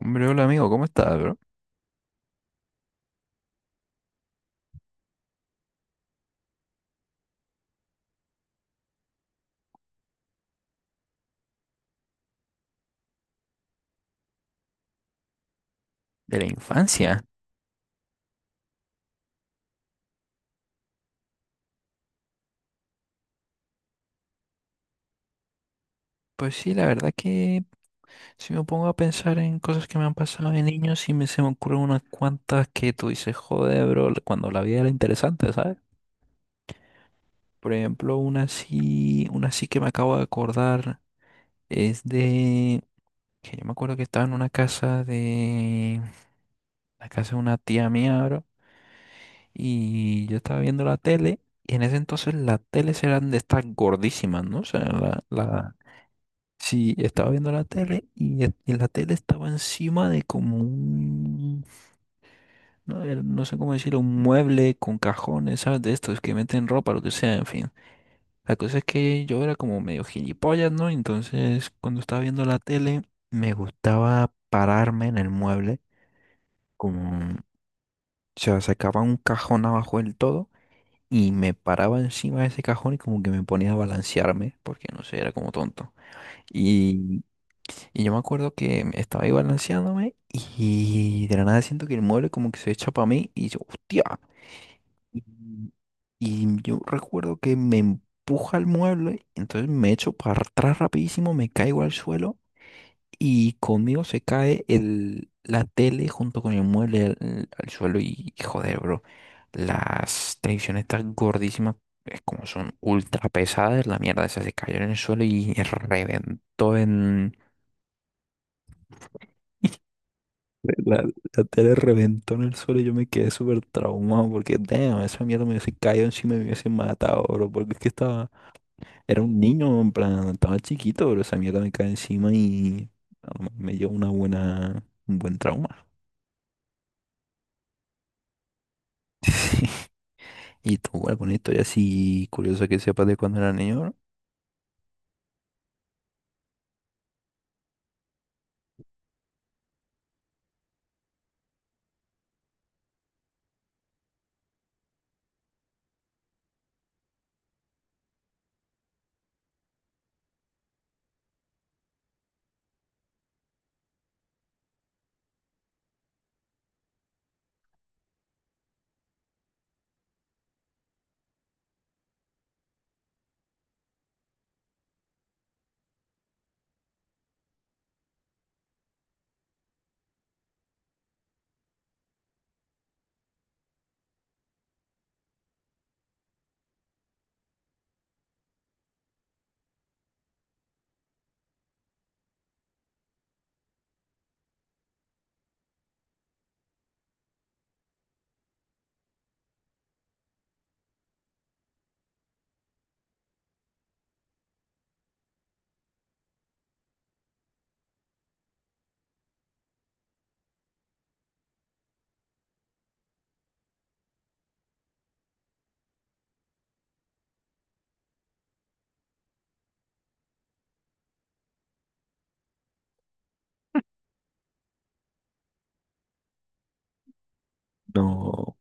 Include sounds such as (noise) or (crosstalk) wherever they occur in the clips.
Hombre, hola amigo, ¿cómo estás, bro? De la infancia. Pues sí, la verdad que si me pongo a pensar en cosas que me han pasado de niño, sí me se me ocurren unas cuantas que tú dices, joder, bro, cuando la vida era interesante, ¿sabes? Por ejemplo, una sí que me acabo de acordar es de que yo me acuerdo que estaba en una casa de la casa de una tía mía, bro, y yo estaba viendo la tele y en ese entonces las teles eran de estas gordísimas, ¿no? O sea, sí, estaba viendo la tele y, y la tele estaba encima de como no, no sé cómo decirlo, un mueble con cajones, ¿sabes? De estos que meten ropa, lo que sea, en fin. La cosa es que yo era como medio gilipollas, ¿no? Entonces, cuando estaba viendo la tele, me gustaba pararme en el mueble, como, o sea, sacaba un cajón abajo del todo y me paraba encima de ese cajón y como que me ponía a balancearme, porque no sé, era como tonto. Y yo me acuerdo que estaba ahí balanceándome y de la nada siento que el mueble como que se echa para mí y yo, hostia. Y, y yo recuerdo que me empuja el mueble, entonces me echo para atrás rapidísimo, me caigo al suelo y conmigo se cae la tele junto con el mueble al suelo y joder, bro. Las televisiones tan gordísimas, es como son ultra pesadas, la mierda esa se cayó en el suelo y reventó en... (laughs) La, la tele reventó en el suelo y yo me quedé súper traumado porque, damn, esa mierda me hubiese caído encima y me hubiese matado, bro. Porque es que estaba, era un niño, en plan, estaba chiquito, bro. Esa mierda me cae encima y no, me dio un buen trauma. (laughs) Y tú, bueno, historia así curiosa que sepas de cuando era niño, bro. No.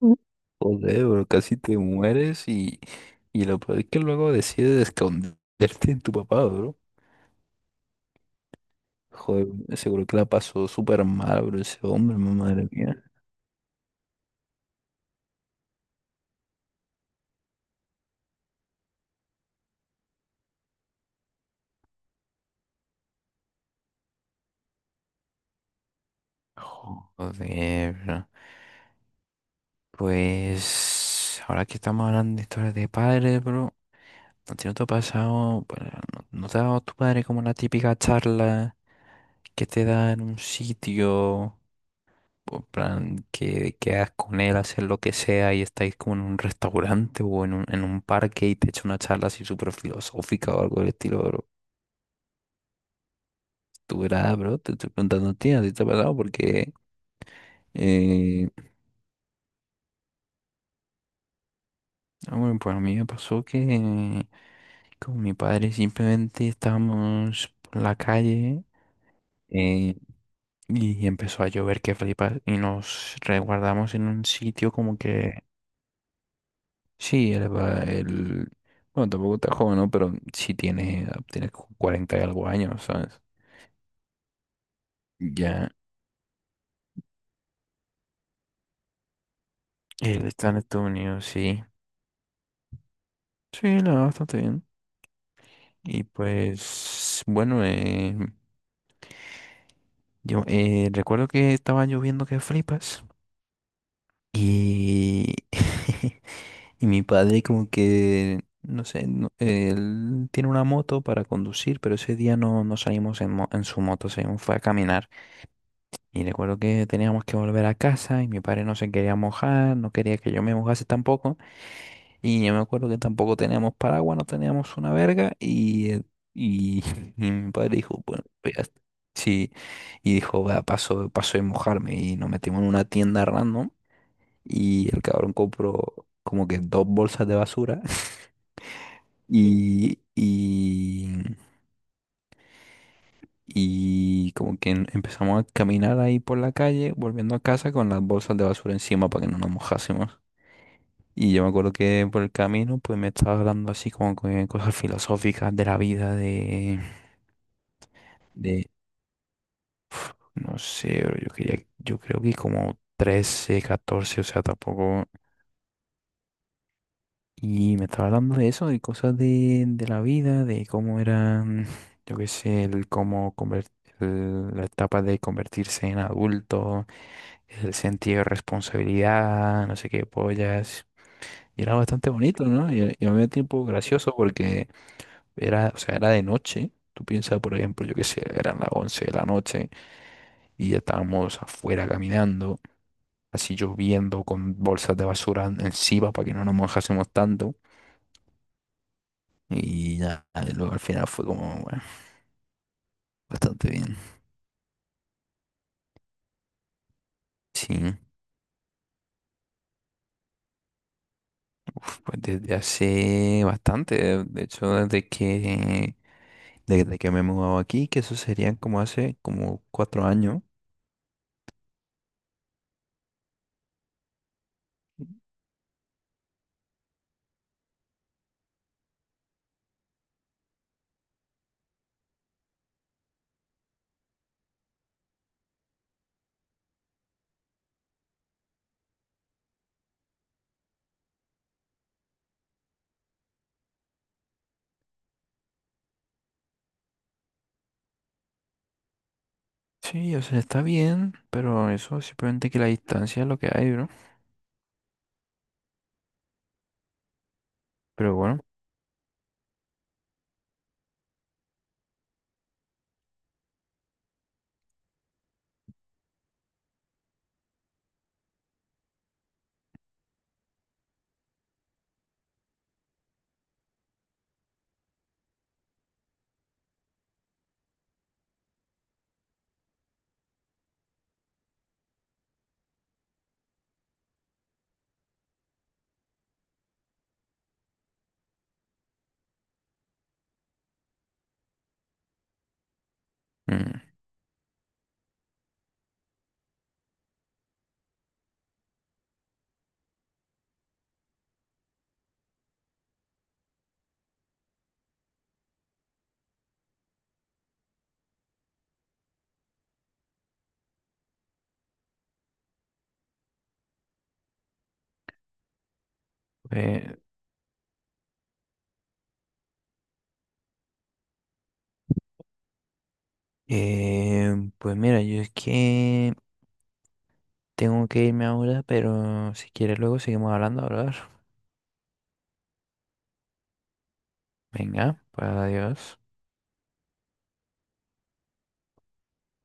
Mm. Joder, bro, casi te mueres y lo peor es que luego decides esconderte en tu papá. Joder, seguro que la pasó súper mal, bro, ese hombre, madre mía. Joder, bro. Pues ahora que estamos hablando de historias de padres, bro, ¿a ti no te ha pasado, bueno, no, no te ha dado tu padre como la típica charla que te da en un sitio, en plan, que quedas con él a hacer lo que sea y estáis como en un restaurante o en en un parque y te echa una charla así súper filosófica o algo del estilo, bro? Tú verás, bro, te estoy preguntando ¿a ti te ha pasado? Porque... Eh, ah, bueno, pues a mí me pasó que con mi padre simplemente estábamos por la calle eh, y empezó a llover que flipas y nos resguardamos en un sitio como que sí, bueno, tampoco está joven, ¿no? Pero sí tiene como 40 y algo años, ¿sabes? Ya, él está en Estados Unidos, sí. Sí, la verdad, bastante bien. Y pues, bueno, yo recuerdo que estaba lloviendo que flipas. Y, (laughs) y mi padre como que, no sé, él tiene una moto para conducir, pero ese día no salimos en su moto, salimos, fue a caminar. Y recuerdo que teníamos que volver a casa y mi padre no se quería mojar, no quería que yo me mojase tampoco. Y yo me acuerdo que tampoco teníamos paraguas, no teníamos una verga. Y, (laughs) y mi padre dijo, bueno, pues ya está. Sí, y dijo, va, paso de mojarme y nos metimos en una tienda random y el cabrón compró como que dos bolsas de basura (laughs) y, y como que empezamos a caminar ahí por la calle, volviendo a casa con las bolsas de basura encima para que no nos mojásemos. Y yo me acuerdo que por el camino pues me estaba hablando así como que cosas filosóficas de la vida, de no sé, bro, yo quería, yo creo que como 13 14 o sea, tampoco... Y me estaba hablando de eso, de cosas de la vida, de cómo eran, yo qué sé, el cómo conver- el- la etapa de convertirse en adulto, el sentido de responsabilidad, no sé qué pollas. Y era bastante bonito, ¿no? Y a mí me tiempo gracioso porque era, o sea, era de noche. Tú piensas, por ejemplo, yo qué sé, eran las 11 de la noche y ya estábamos afuera caminando, así lloviendo con bolsas de basura encima para que no nos mojásemos tanto. Y ya, luego al final fue como, bueno, bastante bien. Sí, uf, pues desde hace bastante, de hecho, desde que me he mudado aquí, que eso serían como hace como 4 años. Sí, o sea, está bien, pero eso simplemente que la distancia es lo que hay, ¿no? Pero bueno, mm, pues, pues mira, yo es que tengo que irme ahora, pero si quieres luego seguimos hablando, hablar. Venga, pues adiós.